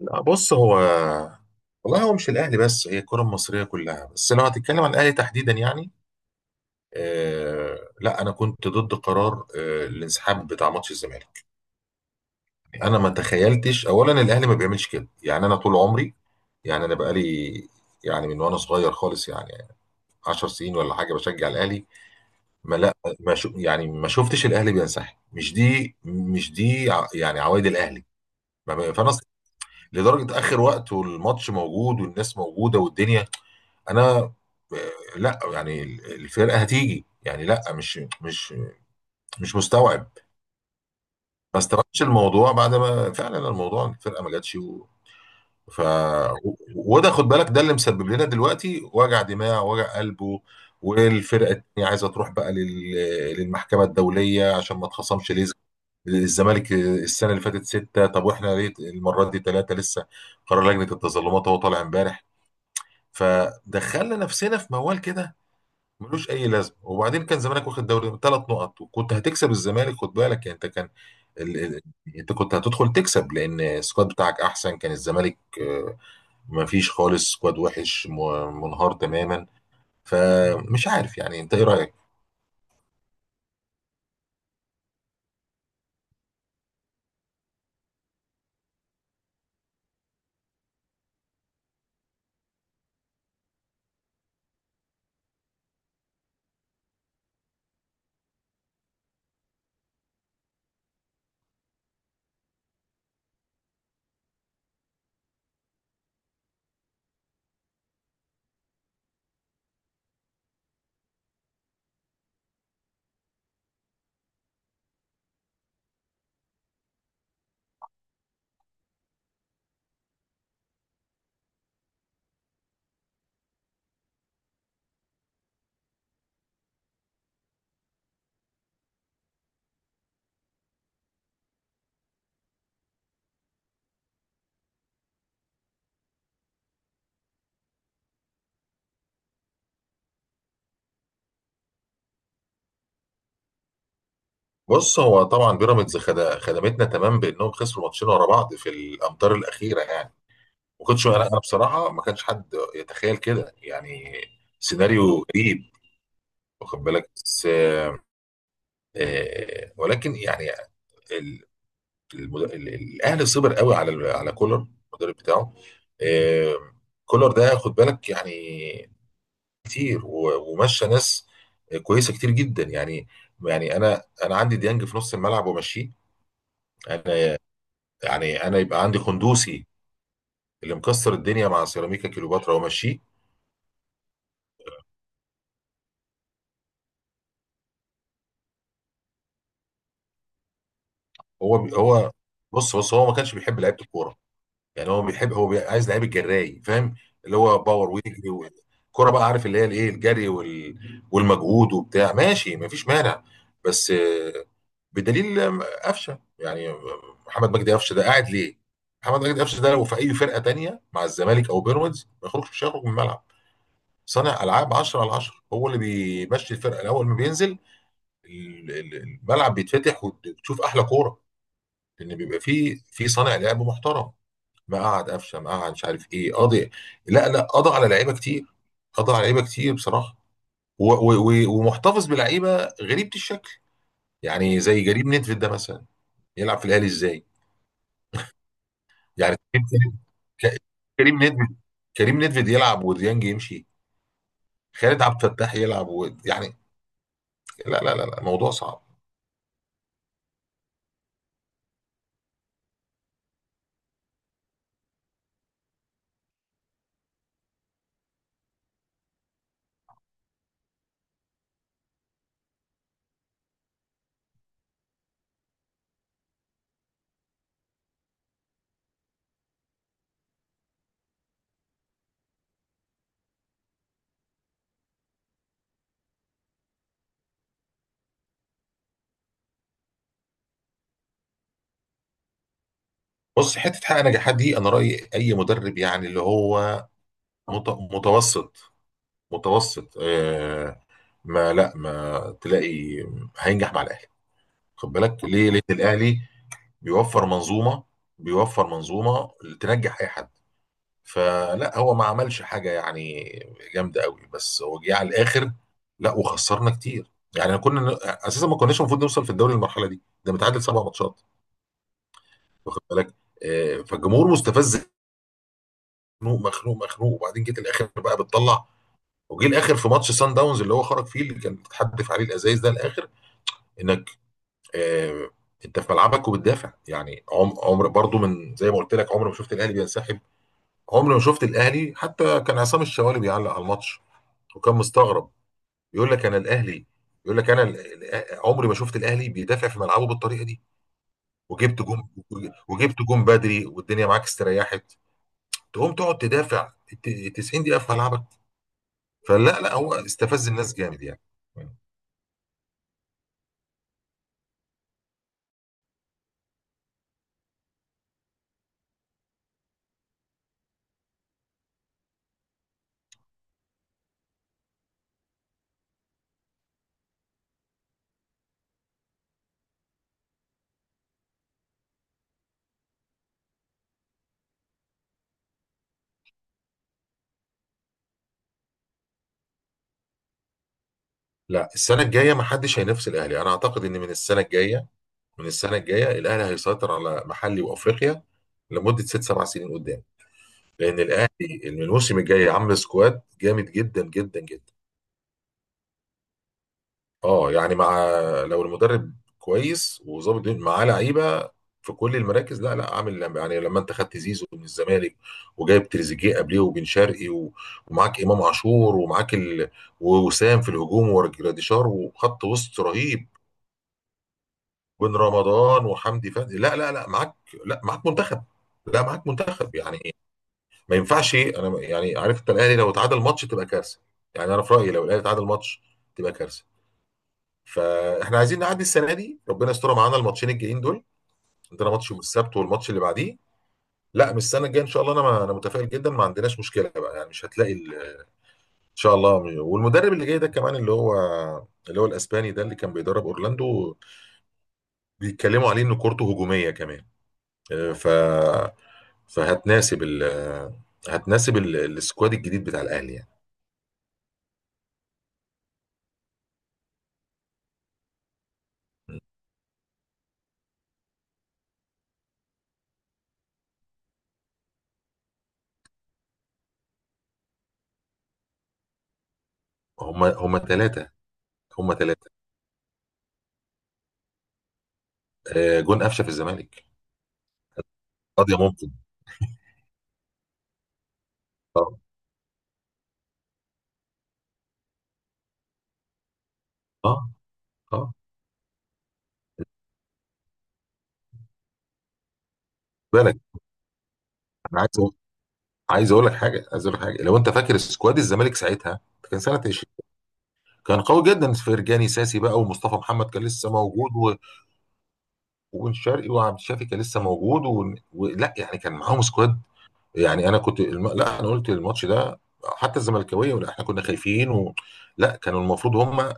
لا بص هو. والله هو مش الاهلي بس، هي الكره المصريه كلها، بس لو هتتكلم عن الاهلي تحديدا يعني لا انا كنت ضد قرار الانسحاب بتاع ماتش الزمالك. انا ما تخيلتش، اولا الاهلي ما بيعملش كده، يعني انا طول عمري، يعني انا بقالي، يعني من وانا صغير خالص يعني 10 سنين ولا حاجه بشجع الاهلي. ما لا ما شو، يعني ما شفتش الاهلي بينسحب، مش دي يعني عوايد الاهلي. ما بي- لدرجه اخر وقت والماتش موجود والناس موجوده والدنيا. انا، لا يعني الفرقه هتيجي، يعني لا مش مستوعب. ما استوعبتش الموضوع بعد ما فعلا الموضوع الفرقه ما جاتش و... ف وده خد بالك، ده اللي مسبب لنا دلوقتي وجع دماغ وجع قلب والفرقه التانيه عايزه تروح بقى لل... للمحكمه الدوليه عشان ما اتخصمش ليه. الزمالك السنه اللي فاتت سته، طب واحنا ليه المره دي ثلاثه لسه؟ قرار لجنه التظلمات هو طالع امبارح، فدخلنا نفسنا في موال كده ملوش اي لازمه. وبعدين كان زمانك واخد دوري بثلاث نقط، وكنت هتكسب الزمالك، خد بالك يعني، انت كان ال... ال... انت كنت هتدخل تكسب، لان السكواد بتاعك احسن. كان الزمالك ما فيش خالص سكواد وحش، منهار تماما. فمش عارف، يعني انت ايه رايك؟ بص هو طبعا بيراميدز خدمتنا تمام، بانهم خسروا ماتشين ورا بعض في الامتار الاخيره يعني. ما كنتش انا أنا بصراحه ما كانش حد يتخيل كده يعني. سيناريو غريب. واخد بالك، بس ولكن يعني ال- الاهلي صبر قوي على كولر المدرب بتاعه. آه، كولر ده خد بالك يعني، كتير ومشى ناس كويسه كتير جدا يعني. يعني انا عندي ديانج في نص الملعب ومشيه. انا يعني انا يبقى عندي قندوسي، اللي مكسر الدنيا مع سيراميكا كليوباترا، ومشيه. هو هو بص بص هو ما كانش بيحب لعيبه الكوره، يعني هو بيحب، عايز لعيب الجراي فاهم، اللي هو باور ويجري والكرة بقى، عارف اللي هي الايه، الجري والمجهود وبتاع. ماشي مفيش مانع، بس بدليل قفشه يعني. محمد مجدي قفشه ده قاعد ليه؟ محمد مجدي قفشه ده لو في اي فرقه تانية مع الزمالك او بيراميدز ما يخرجش، مش هيخرج من الملعب. صانع العاب 10/10، هو اللي بيمشي الفرقه. الاول ما بينزل الملعب بيتفتح وتشوف احلى كوره، لان بيبقى فيه في صانع لعب محترم. مقعد قفشه، مقعد، مش عارف ايه، قاضي. لا لا، قضى على لعيبه كتير، قضى على لعيبه كتير بصراحه. و و و ومحتفظ بلعيبه غريبه الشكل. يعني زي كريم ندفيد ده مثلا، يلعب في الاهلي ازاي؟ يعني كريم كريم ندفيد، كريم ندفيد يلعب وديانج يمشي، خالد عبد الفتاح يلعب و... يعني لا لا لا لا، الموضوع صعب. بص، حته حقق نجاحات دي انا رايي اي مدرب يعني اللي هو متوسط، متوسط ما لا ما تلاقي، هينجح مع الاهلي. خد بالك ليه؟ ليه الاهلي بيوفر منظومه، بيوفر منظومه تنجح اي حد. فلا، هو ما عملش حاجه يعني جامده قوي، بس هو جه على الاخر. لا وخسرنا كتير يعني، كنا اساسا ما كناش المفروض نوصل في الدوري للمرحله دي، ده متعادل سبع ماتشات واخد بالك. فالجمهور مستفز مخنوق مخنوق مخنوق. وبعدين جيت الاخر بقى بتطلع، وجه الاخر في ماتش سان داونز اللي هو خرج فيه، اللي كان بتحدف عليه الازايز ده الاخر. انك آه، انت في ملعبك وبتدافع يعني. عمر برضو من زي ما قلت لك، عمر ما شفت الاهلي بينسحب، عمر ما شفت الاهلي. حتى كان عصام الشوالي بيعلق على الماتش وكان مستغرب، يقول لك انا الاهلي، يقول لك انا عمري ما شفت الاهلي بيدافع في ملعبه بالطريقه دي. وجبت جون وجبت جون بدري والدنيا معاك استريحت، تقوم تقعد تدافع 90 دقيقه في ملعبك؟ فلا لا، هو استفز الناس جامد يعني. لا السنه الجايه ما حدش هينافس الاهلي. انا اعتقد ان من السنه الجايه، من السنه الجايه الاهلي هيسيطر على محلي وافريقيا لمده ست سبع سنين قدام. لان الاهلي من الموسم الجاي عامل سكواد جامد جدا جدا جدا. اه يعني، مع لو المدرب كويس وظابط الدنيا، معاه لعيبه في كل المراكز. لا لا، عامل يعني، لما انت خدت زيزو من الزمالك، وجايب تريزيجيه قبليه وبن شرقي ومعاك امام عاشور ومعاك ووسام في الهجوم ورجراديشار وخط وسط رهيب. بن رمضان وحمدي فتحي لا معاك، لا معاك منتخب، لا معاك منتخب يعني. ما ينفعش، انا يعني عارف انت الاهلي لو اتعادل ماتش تبقى كارثه. يعني انا في رايي لو الاهلي اتعادل ماتش تبقى كارثه. فاحنا عايزين نعدي السنه دي، ربنا يستر معانا الماتشين الجايين دول. عندنا ماتش يوم السبت والماتش اللي بعديه. لا من السنه الجايه ان شاء الله، انا ما انا متفائل جدا، ما عندناش مشكله بقى يعني، مش هتلاقي ان شاء الله. والمدرب اللي جاي ده كمان اللي هو الاسباني ده اللي كان بيدرب اورلاندو، بيتكلموا عليه ان كورته هجوميه كمان. آه، ف فهتناسب ال هتناسب السكواد الجديد بتاع الاهلي يعني. هم ثلاثه، هم ثلاثه. جون قفشه في الزمالك قضيه ممكن. اه اه اه بالك، انا عايز اقول لك حاجه، عايز اقول لك حاجه. لو انت فاكر سكواد الزمالك ساعتها، كان سنه 20 كان قوي جدا. فرجاني ساسي بقى، ومصطفى محمد كان لسه موجود وبن شرقي وعبد الشافي كان لسه موجود و... ولا يعني كان معاهم سكواد يعني. انا كنت لا انا قلت الماتش ده حتى الزملكاويه ولا احنا كنا خايفين و... لا كانوا المفروض هم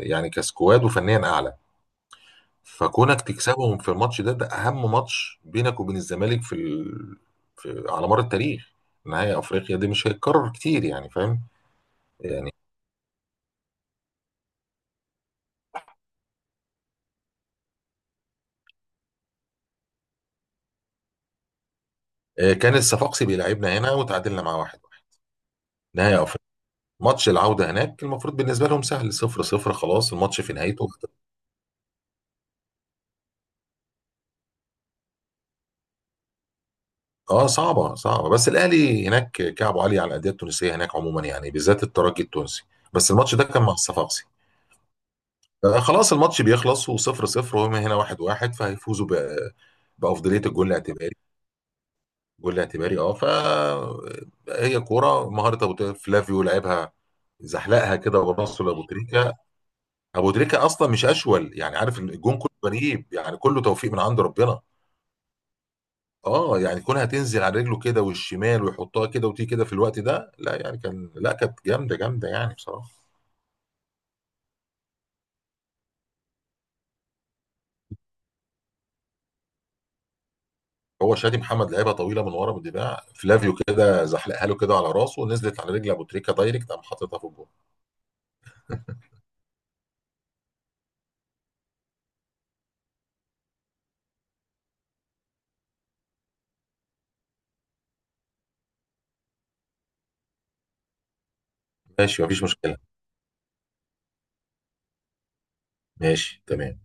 يعني كسكواد وفنيا اعلى. فكونك تكسبهم في الماتش ده، ده اهم ماتش بينك وبين الزمالك في, على مر التاريخ. نهائي افريقيا دي مش هيتكرر كتير يعني فاهم. يعني كان الصفاقسي بيلعبنا هنا وتعادلنا مع واحد. نهائي افريقيا، ماتش العوده هناك المفروض بالنسبه لهم سهل، صفر صفر خلاص الماتش في نهايته. اه صعبة صعبة، بس الأهلي هناك كعبه عالي على الأندية التونسية هناك عموما يعني، بالذات الترجي التونسي. بس الماتش ده كان مع الصفاقسي. آه خلاص الماتش بيخلص وصفر صفر وهم هنا واحد واحد، فهيفوزوا بأفضلية الجول الاعتباري. الجول الاعتباري اه ف، هي كورة مهارة أبو تريكة. فلافيو لعبها، زحلقها كده براسه لأبو تريكة. أبو تريكة أصلا مش أشول، يعني عارف إن الجون كله غريب يعني، كله توفيق من عند ربنا. اه يعني كونها تنزل على رجله كده والشمال ويحطها كده وتيجي كده في الوقت ده، لا يعني كان، لا كانت جامده جامده يعني بصراحه. هو شادي محمد لعبها طويله من ورا بالدفاع، فلافيو كده زحلقها له كده على راسه ونزلت على رجل ابو تريكه دايركت، قام حاططها في الجول. ماشي مفيش مشكله. ماشي تمام.